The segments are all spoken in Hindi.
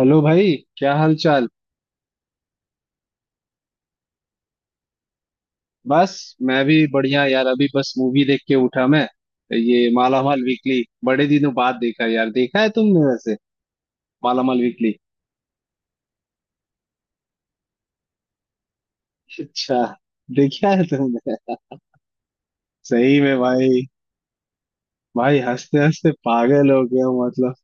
हेलो भाई। क्या हाल चाल? बस, मैं भी बढ़िया यार। अभी बस मूवी देख के उठा मैं। ये माला माल वीकली बड़े दिनों बाद देखा यार। देखा है तुमने वैसे? माला माल वीकली? अच्छा, देखा है तुमने? सही में भाई? भाई, हंसते हंसते पागल हो गया हूँ, मतलब।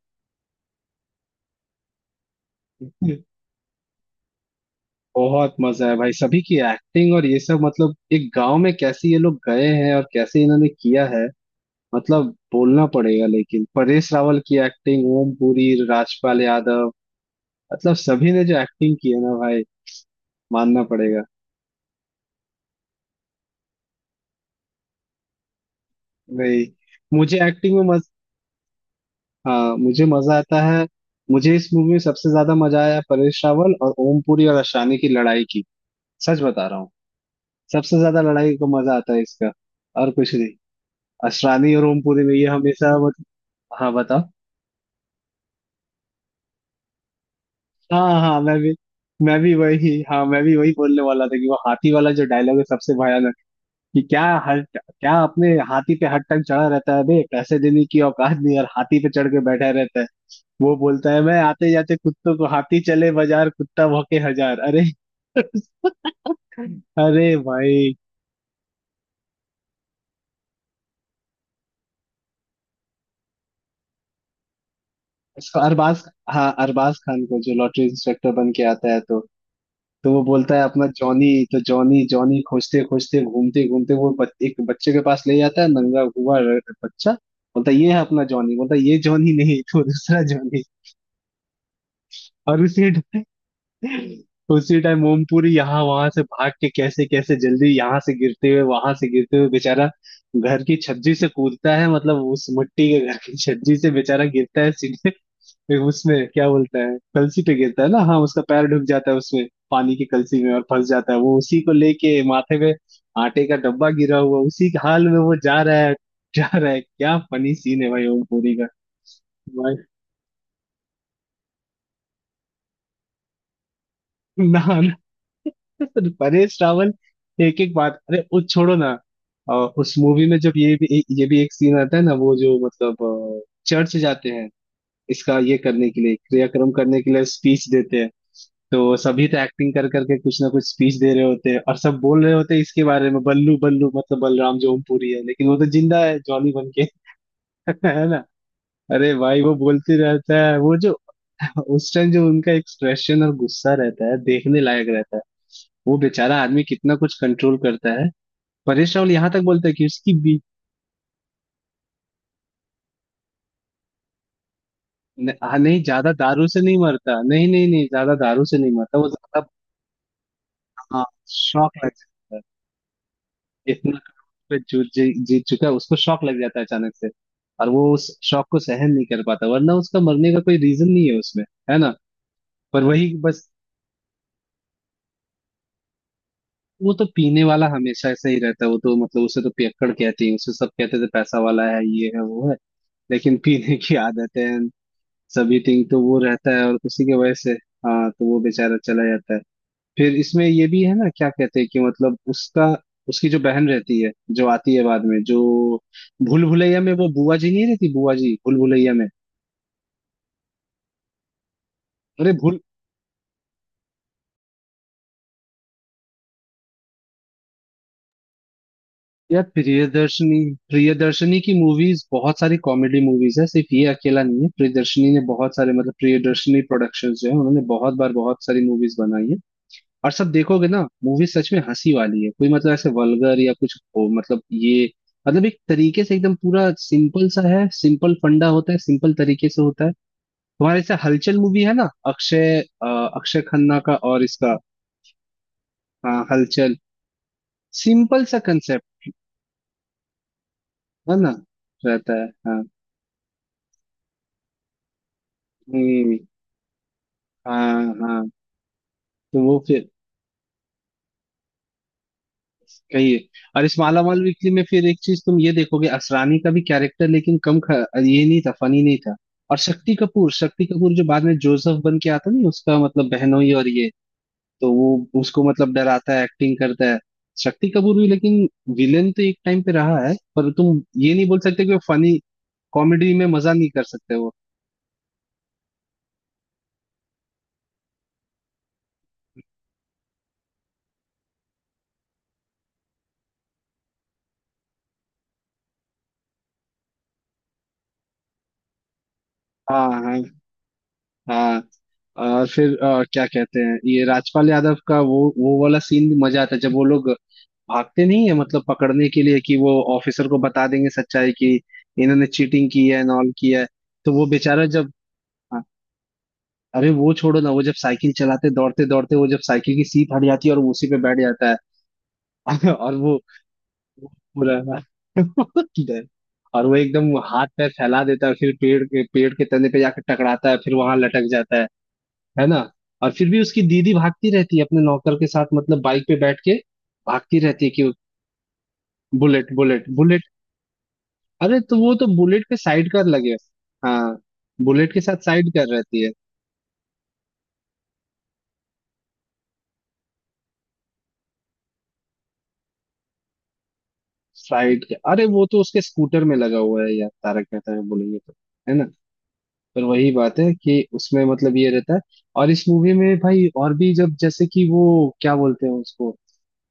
बहुत मजा है भाई, सभी की एक्टिंग और ये सब। मतलब एक गांव में कैसे ये लोग गए हैं और कैसे इन्होंने किया है, मतलब बोलना पड़ेगा। लेकिन परेश रावल की एक्टिंग, ओम पुरी, राजपाल यादव, मतलब सभी ने जो एक्टिंग की है ना भाई, मानना पड़ेगा। भाई, मुझे एक्टिंग में मज हाँ, मुझे मजा आता है। मुझे इस मूवी में सबसे ज्यादा मजा आया परेश रावल और ओम पुरी और अशानी की लड़ाई की। सच बता रहा हूँ। सबसे ज्यादा लड़ाई का मजा आता है इसका, और कुछ नहीं। असरानी और ओमपुरी में ये हमेशा मत... हाँ, बताओ। हाँ हाँ, मैं भी, मैं भी वही हाँ, मैं भी वही बोलने वाला था कि वो हाथी वाला जो डायलॉग है सबसे भयानक। कि क्या, हर क्या अपने हाथी पे हर टाइम चढ़ा रहता है बे, पैसे देने की औकात नहीं और हाथी पे चढ़ के बैठा रहता है। वो बोलता है मैं आते जाते कुत्तों को, हाथी चले बाजार कुत्ता भौंके हजार, अरे। अरे भाई! इसको अरबाज, हाँ अरबाज खान को जो लॉटरी इंस्पेक्टर बन के आता है, तो वो बोलता है अपना जॉनी। तो जॉनी जॉनी खोजते खोजते घूमते घूमते वो एक बच्चे के पास ले जाता है, नंगा हुआ बच्चा। बोलता है ये है अपना जॉनी, बोलता है ये जॉनी नहीं तो दूसरा जॉनी। और उसे उसी टाइम ओमपुरी यहाँ वहां से भाग के कैसे कैसे जल्दी यहाँ से गिरते हुए वहां से गिरते हुए बेचारा घर की छज्जी से कूदता है, मतलब उस मिट्टी के घर की छज्जी से बेचारा गिरता है सीधे। फिर उसमें क्या बोलता है, कलसी पे गिरता है ना, हाँ उसका पैर ढुक जाता है उसमें, पानी की कलसी में, और फंस जाता है वो उसी को लेके माथे पे। आटे का डब्बा गिरा हुआ उसी के हाल में वो जा रहा है। जा रहा है, क्या फनी सीन है भाई ओमपुरी का। भाई, ना ना। परेश रावल, एक एक बात, अरे वो छोड़ो ना। उस मूवी में जब ये भी एक सीन आता है ना, वो जो मतलब चर्च जाते हैं। इसका ये करने के लिए, क्रियाक्रम करने के लिए स्पीच देते हैं, तो सभी तो एक्टिंग कर करके कुछ ना कुछ स्पीच दे रहे होते हैं और सब बोल रहे होते हैं इसके बारे में, बल्लू बल्लू मतलब बलराम जो ओमपुरी है, लेकिन वो तो जिंदा है जॉनी बन के। है। अरे भाई, वो बोलते रहता है वो जो, उस टाइम जो उनका एक्सप्रेशन और गुस्सा रहता है देखने लायक रहता है। वो बेचारा आदमी कितना कुछ कंट्रोल करता है। परेश रावल यहाँ तक बोलता है कि उसकी बी न, आ, नहीं, ज्यादा दारू से नहीं मरता, नहीं, नहीं, नहीं, ज्यादा दारू से नहीं मरता वो। ज्यादा, हाँ, शौक लग जाता है। इतना करोड़ पे जीत जीत चुका है, उसको शौक लग जाता है अचानक से, और वो उस शौक को सहन नहीं कर पाता, वरना उसका मरने का कोई रीजन नहीं है उसमें, है ना। पर वही बस, वो तो पीने वाला हमेशा ऐसा ही रहता है। वो तो मतलब उसे तो पियक्कड़ कहते हैं, उसे सब कहते थे पैसा वाला है, ये है, वो है। लेकिन पीने की आदत है and सभी थिंग तो वो रहता है और उसी की वजह से, हाँ, तो वो बेचारा चला जाता है। फिर इसमें ये भी है ना, क्या कहते हैं कि मतलब उसका, उसकी जो बहन रहती है जो आती है बाद में, जो भूल भुलैया में वो बुआ जी, नहीं रहती बुआ जी भूल भुलैया में। अरे भूल, यार प्रियदर्शनी, प्रियदर्शनी की मूवीज बहुत सारी कॉमेडी मूवीज है, सिर्फ ये अकेला नहीं है। प्रियदर्शनी ने बहुत सारे, मतलब प्रियदर्शनी प्रोडक्शंस जो है उन्होंने बहुत बार बहुत सारी मूवीज बनाई है। और सब देखोगे ना, मूवी सच में हंसी वाली है, कोई मतलब ऐसे वल्गर या कुछ हो, मतलब ये मतलब एक तरीके से एकदम पूरा सिंपल सा है। सिंपल फंडा होता है, सिंपल तरीके से होता है। तुम्हारे जैसे हलचल मूवी है ना, अक्षय अक्षय खन्ना का और इसका। हाँ, हलचल सिंपल सा कंसेप्ट, है ना, रहता है हाँ। हम्म, हाँ हाँ, तो वो फिर कही है। और इस माला माल वीकली में फिर एक चीज तुम ये देखोगे, असरानी का भी कैरेक्टर, लेकिन कम ये नहीं था फनी, नहीं था। और शक्ति कपूर, शक्ति कपूर जो बाद में जोसेफ बन के आता नहीं, उसका मतलब बहनोई, और ये, तो वो उसको मतलब डराता है, एक्टिंग करता है शक्ति कपूर भी। लेकिन विलेन तो एक टाइम पे रहा है, पर तुम ये नहीं बोल सकते कि वो फनी कॉमेडी में मजा नहीं कर सकते वो। हाँ हाँ हाँ, और फिर क्या कहते हैं, ये राजपाल यादव का वो वाला सीन भी मजा आता है, जब वो लोग भागते नहीं है मतलब पकड़ने के लिए कि वो ऑफिसर को बता देंगे सच्चाई की, इन्होंने चीटिंग की है एंड ऑल किया है। तो वो बेचारा जब, हाँ, अरे वो छोड़ो ना, वो जब साइकिल चलाते दौड़ते दौड़ते, वो जब साइकिल की सीट हट जाती है और वो उसी पे बैठ जाता है। और वो पूरा। और वो एकदम हाथ पैर फैला देता है, फिर पेड़ के तने पे जाकर टकराता है, फिर वहां लटक जाता है ना। और फिर भी उसकी दीदी भागती रहती है अपने नौकर के साथ, मतलब बाइक पे बैठ के भागती रहती है कि, बुलेट बुलेट बुलेट। अरे तो वो तो बुलेट के साइड कर लगे, हाँ बुलेट के साथ साइड कर रहती है। साइड के, अरे वो तो उसके स्कूटर में लगा हुआ है यार, तारक मेहता में बोलेंगे तो, है ना। पर वही बात है कि उसमें मतलब ये रहता है। और इस मूवी में भाई और भी, जब जैसे कि वो क्या बोलते हैं उसको,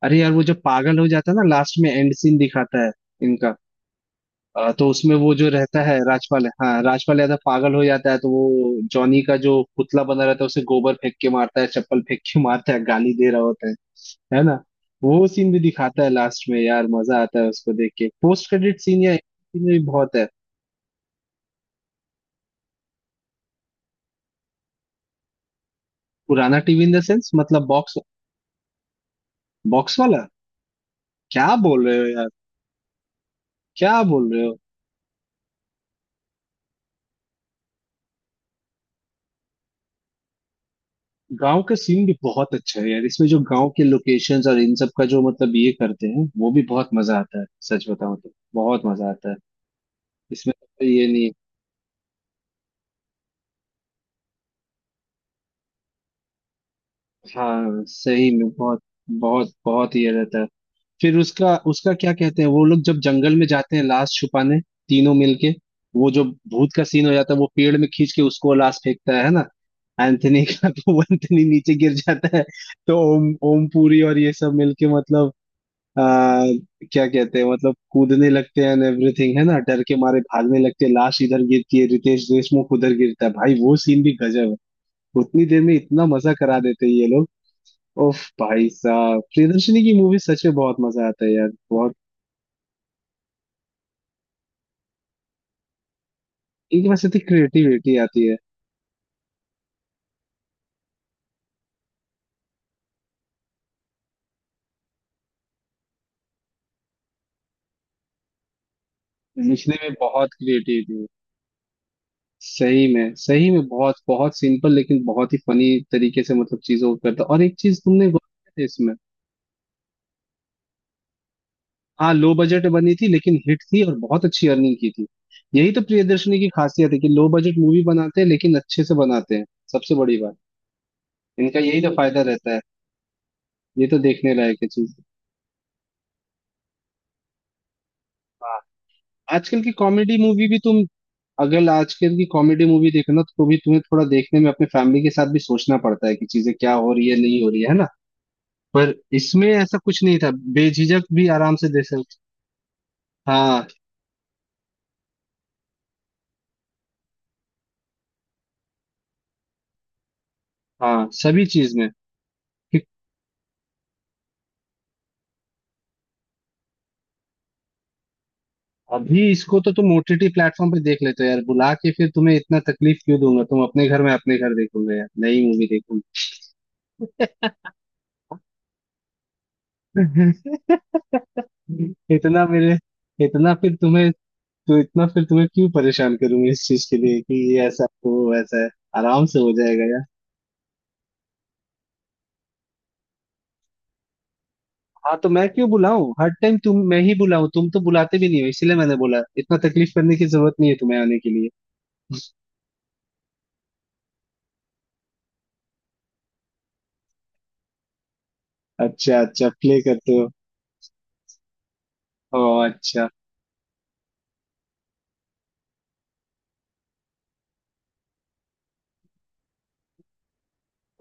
अरे यार वो जब पागल हो जाता है ना लास्ट में, एंड सीन दिखाता है इनका। तो उसमें वो जो रहता है राजपाल, हाँ राजपाल यादव पागल हो जाता है तो वो जॉनी का जो पुतला बना रहता है उसे गोबर फेंक के मारता है, चप्पल फेंक के मारता है, गाली दे रहा होता है ना। वो सीन भी दिखाता है लास्ट में यार, मजा आता है उसको देख के। पोस्ट क्रेडिट सीन या scene भी बहुत है। पुराना टीवी इन द सेंस मतलब बॉक्स, बॉक्स वाला? क्या बोल रहे हो यार? क्या बोल रहे हो? गांव का सीन भी बहुत अच्छा है यार, इसमें जो गांव के लोकेशंस और इन सब का जो मतलब ये करते हैं वो भी बहुत मजा आता है। सच बताऊं तो बहुत मजा आता है, इसमें तो ये नहीं। हाँ, सही में बहुत, बहुत बहुत ये रहता है। फिर उसका, उसका क्या कहते हैं, वो लोग जब जंगल में जाते हैं लाश छुपाने, तीनों मिलके, वो जो भूत का सीन हो जाता है, वो पेड़ में खींच के उसको लाश फेंकता है ना, एंथनी का। तो वो एंथनी नीचे गिर जाता है। तो ओम ओम पुरी और ये सब मिलके मतलब आ, क्या कहते हैं, मतलब कूदने लगते हैं एंड एवरीथिंग, है ना, डर के मारे भागने लगते हैं, लाश इधर गिरती है, रितेश देशमुख उधर गिरता है भाई, वो सीन भी गजब है। उतनी देर में इतना मजा करा देते हैं ये लोग। ओफ भाई साहब, प्रियदर्शनी की मूवी सच में बहुत मजा आता है यार, बहुत। एक बस इतनी क्रिएटिविटी आती है लिखने में, बहुत क्रिएटिविटी है। सही में, सही में बहुत बहुत सिंपल लेकिन बहुत ही फनी तरीके से मतलब चीजों को करता। और एक चीज तुमने बोला है इसमें, हाँ, लो बजट बनी थी लेकिन हिट थी और बहुत अच्छी अर्निंग की थी। यही तो प्रियदर्शनी की खासियत है कि लो बजट मूवी बनाते हैं लेकिन अच्छे से बनाते हैं। सबसे बड़ी बात, इनका यही तो फायदा रहता है। ये तो देखने लायक है चीज। हाँ, आजकल की कॉमेडी मूवी भी तुम, अगर आजकल की कॉमेडी मूवी देखना तो भी तुम्हें थोड़ा देखने में अपने फैमिली के साथ भी सोचना पड़ता है कि चीजें क्या हो रही है नहीं हो रही है ना। पर इसमें ऐसा कुछ नहीं था, बेझिझक भी आराम से देख सकते। हाँ, हाँ सभी चीज में। कि अभी इसको तो तुम ओटीटी प्लेटफॉर्म पे देख लेते हो यार, बुला के फिर तुम्हें इतना तकलीफ क्यों दूंगा। तुम अपने घर में, अपने घर देखोगे यार नई मूवी, देखोगे। इतना मेरे, इतना फिर तुम्हें, तो इतना फिर तुम्हें क्यों परेशान करूंगा इस चीज के लिए कि ये ऐसा हो वैसा है। आराम से हो जाएगा यार। हाँ, तो मैं क्यों बुलाऊं हर टाइम? तुम, मैं ही बुलाऊं, तुम तो बुलाते भी नहीं हो, इसलिए मैंने बोला इतना तकलीफ करने की जरूरत नहीं है तुम्हें आने के लिए। अच्छा अच्छा प्ले करते हो। ओ अच्छा,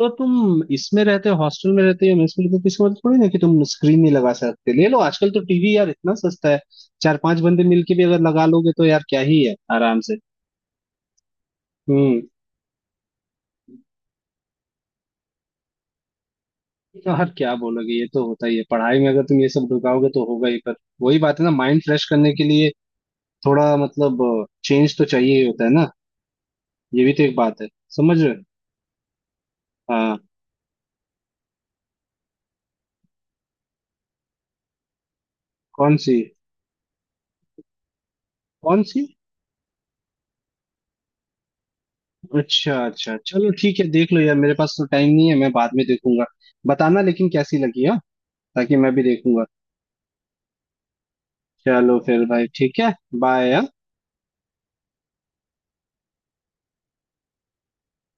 तो तुम इसमें रहते हो, हॉस्टल में रहते हो, मेस में रहते हो, तो इसका मतलब थोड़ी ना कि तुम स्क्रीन नहीं लगा सकते। ले लो, आजकल तो टीवी यार इतना सस्ता है, चार पांच बंदे मिलके भी अगर लगा लोगे तो यार क्या ही है, आराम से। हम्म, तो यार क्या बोलोगे, ये तो होता ही है पढ़ाई में, अगर तुम ये सब ढुकाओगे तो होगा ही। पर वही बात है ना, माइंड फ्रेश करने के लिए थोड़ा मतलब चेंज तो चाहिए ही होता है ना, ये भी तो एक बात है। समझ रहे हो? हाँ। कौन सी? कौन सी? अच्छा अच्छा, चलो ठीक है, देख लो यार, मेरे पास तो टाइम नहीं है, मैं बाद में देखूंगा। बताना लेकिन कैसी लगी, हाँ, ताकि मैं भी देखूंगा। चलो फिर भाई, ठीक है। बाय।